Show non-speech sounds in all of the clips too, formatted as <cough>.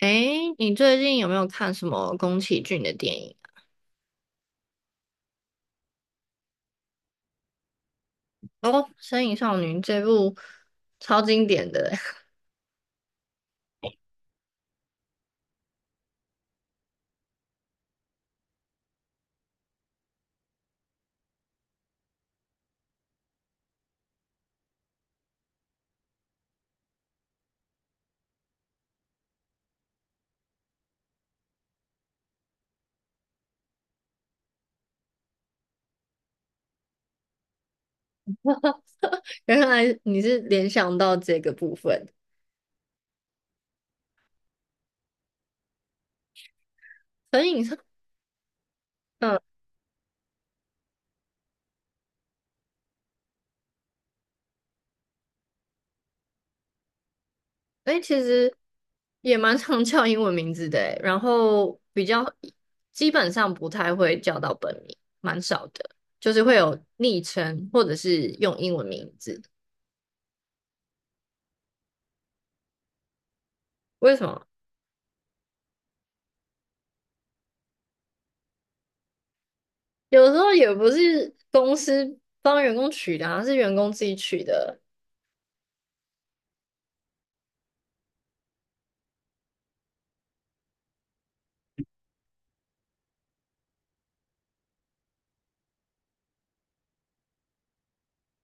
诶，你最近有没有看什么宫崎骏的电影啊？哦，《身影少女》这部超经典的欸。 <laughs> 原来你是联想到这个部分。《身影少》嗯，诶，其实也蛮常叫英文名字的欸，然后比较基本上不太会叫到本名，蛮少的，就是会有昵称或者是用英文名字。为什么？有时候也不是公司帮员工取的而是员工自己取的。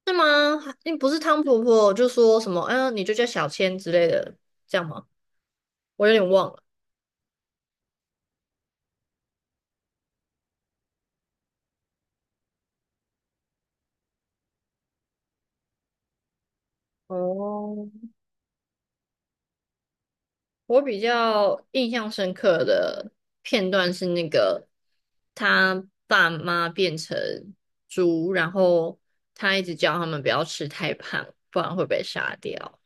是吗？还不是汤婆婆就说什么，嗯、你就叫小千之类的，这样吗？我有点忘了。哦，我比较印象深刻的片段是那个他爸妈变成猪，然后他一直叫他们不要吃太胖，不然会被杀掉。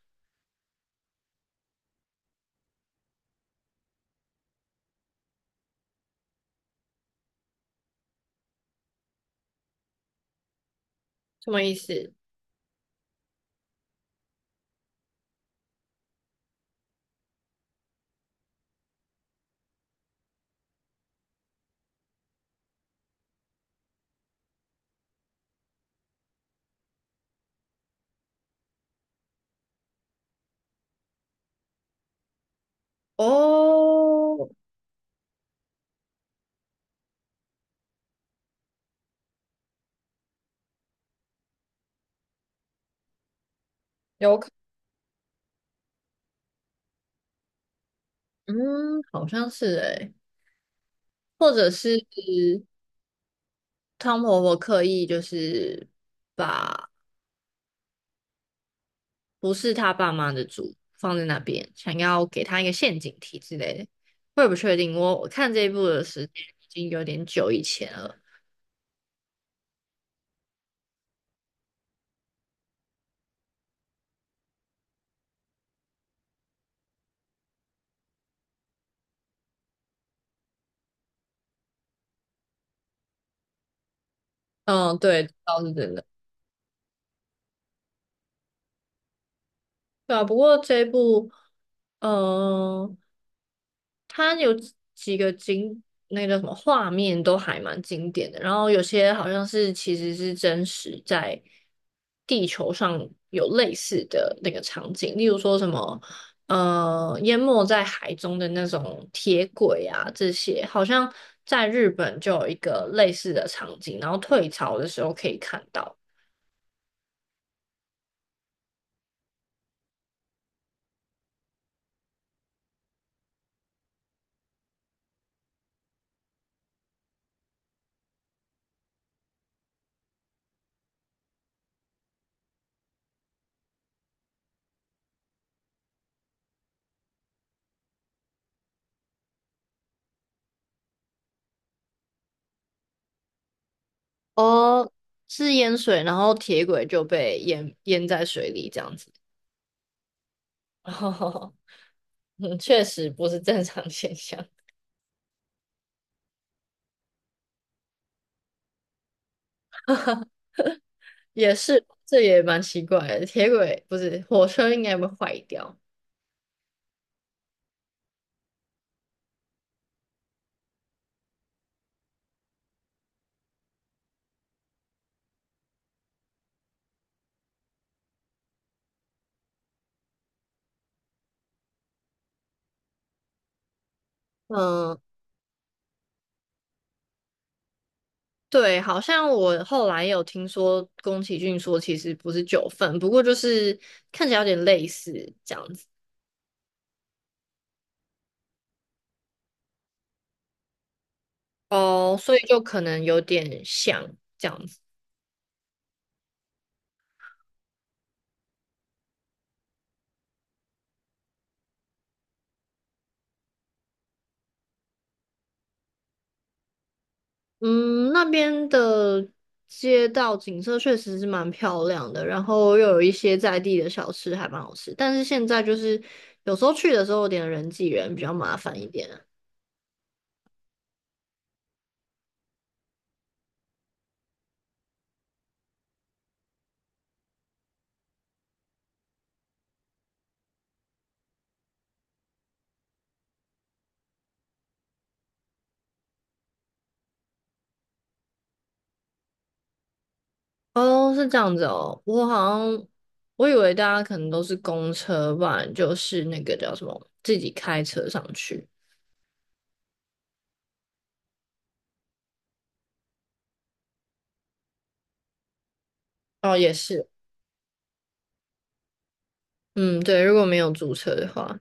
什么意思？哦，有可，嗯，好像是诶、或者是汤婆婆刻意就是。把。不是他爸妈的主放在那边，想要给他一个陷阱题之类的，我也不确定。我看这一部的时间已经有点久以前了。嗯，对，倒是真的。对啊，不过这一部，嗯、它有几个经那个叫什么画面都还蛮经典的，然后有些好像是其实是真实在地球上有类似的那个场景，例如说什么淹没在海中的那种铁轨啊这些，好像在日本就有一个类似的场景，然后退潮的时候可以看到。哦，是淹水，然后铁轨就被淹在水里这样子。<laughs> 嗯，确实不是正常现象，也是，这也蛮奇怪的。铁轨不是火车应该会坏掉。嗯，对，好像我后来有听说宫崎骏说其实不是九份，不过就是看起来有点类似这样子。哦，所以就可能有点像。这样子。嗯，那边的街道景色确实是蛮漂亮的，然后又有一些在地的小吃还蛮好吃，但是现在就是有时候去的时候有点人挤人，比较麻烦一点。哦，是这样子哦，我好像我以为大家可能都是公车吧，不然就是那个叫什么自己开车上去。哦，也是，嗯，对，如果没有租车的话，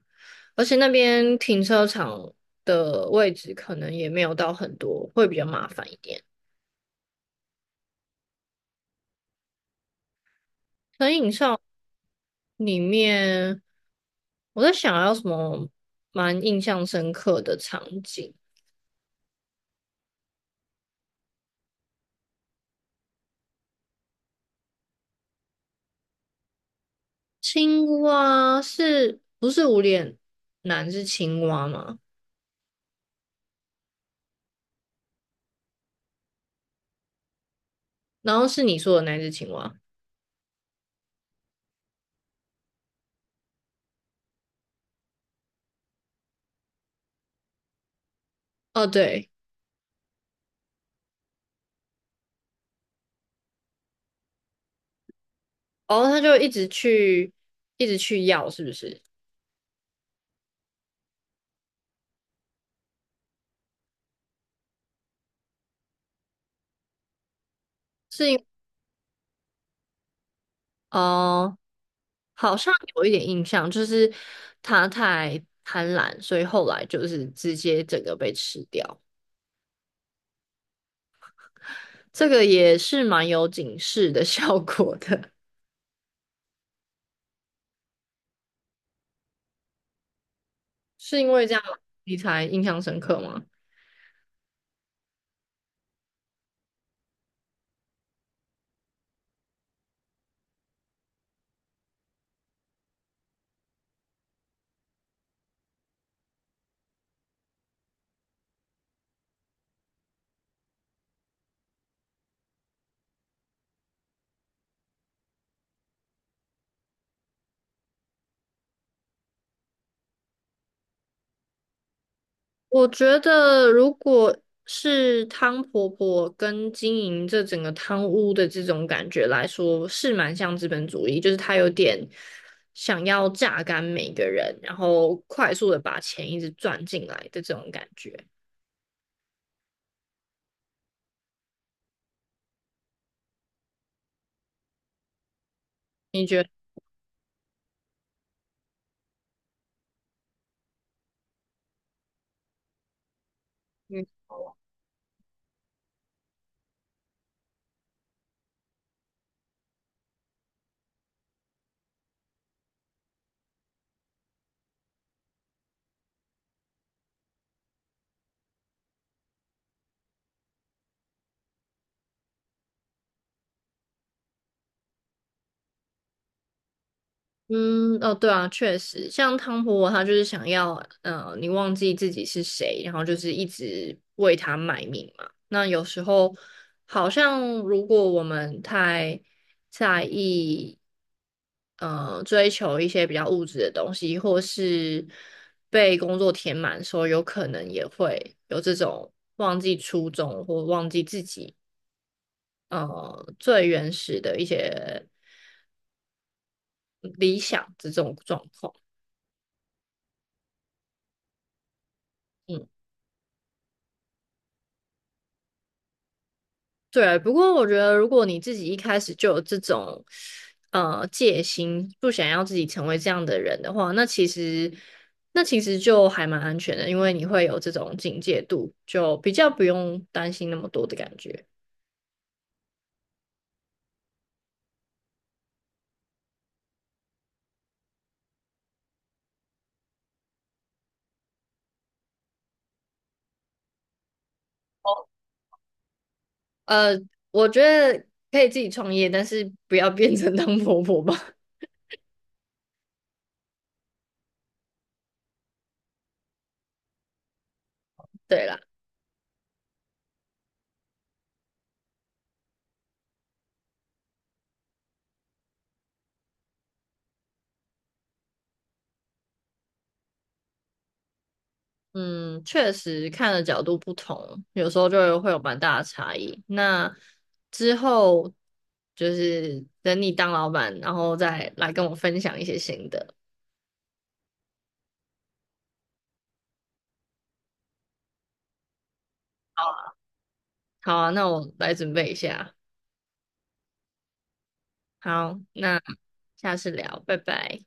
而且那边停车场的位置可能也没有到很多，会比较麻烦一点。可以，你上。里面我在想要什么蛮印象深刻的场景。青蛙是不是无脸男是青蛙吗？然后是你说的那只青蛙。哦，对，哦，他就一直去，一直去要，是不是？是因哦，好像有一点印象，就是他太贪婪，所以后来就是直接整个被吃掉。这个也是蛮有警示的效果的。是因为这样你才印象深刻吗？我觉得如果是汤婆婆跟经营这整个汤屋的这种感觉来说，是蛮像资本主义，就是他有点想要榨干每个人，然后快速的把钱一直赚进来的这种感觉。你觉得？嗯嗯，哦，对啊，确实，像汤婆婆她就是想要，你忘记自己是谁，然后就是一直为他卖命嘛。那有时候好像如果我们太在意，追求一些比较物质的东西，或是被工作填满的时候，有可能也会有这种忘记初衷或忘记自己，最原始的一些嗯理想这种状况。嗯。对，不过我觉得，如果你自己一开始就有这种戒心，不想要自己成为这样的人的话，那其实就还蛮安全的，因为你会有这种警戒度，就比较不用担心那么多的感觉。呃，我觉得可以自己创业，但是不要变成当婆婆吧。<laughs> 对啦。嗯，确实看的角度不同，有时候就会有蛮大的差异。那之后就是等你当老板，然后再来跟我分享一些新的。好啊，那我来准备一下。好，那下次聊，拜拜。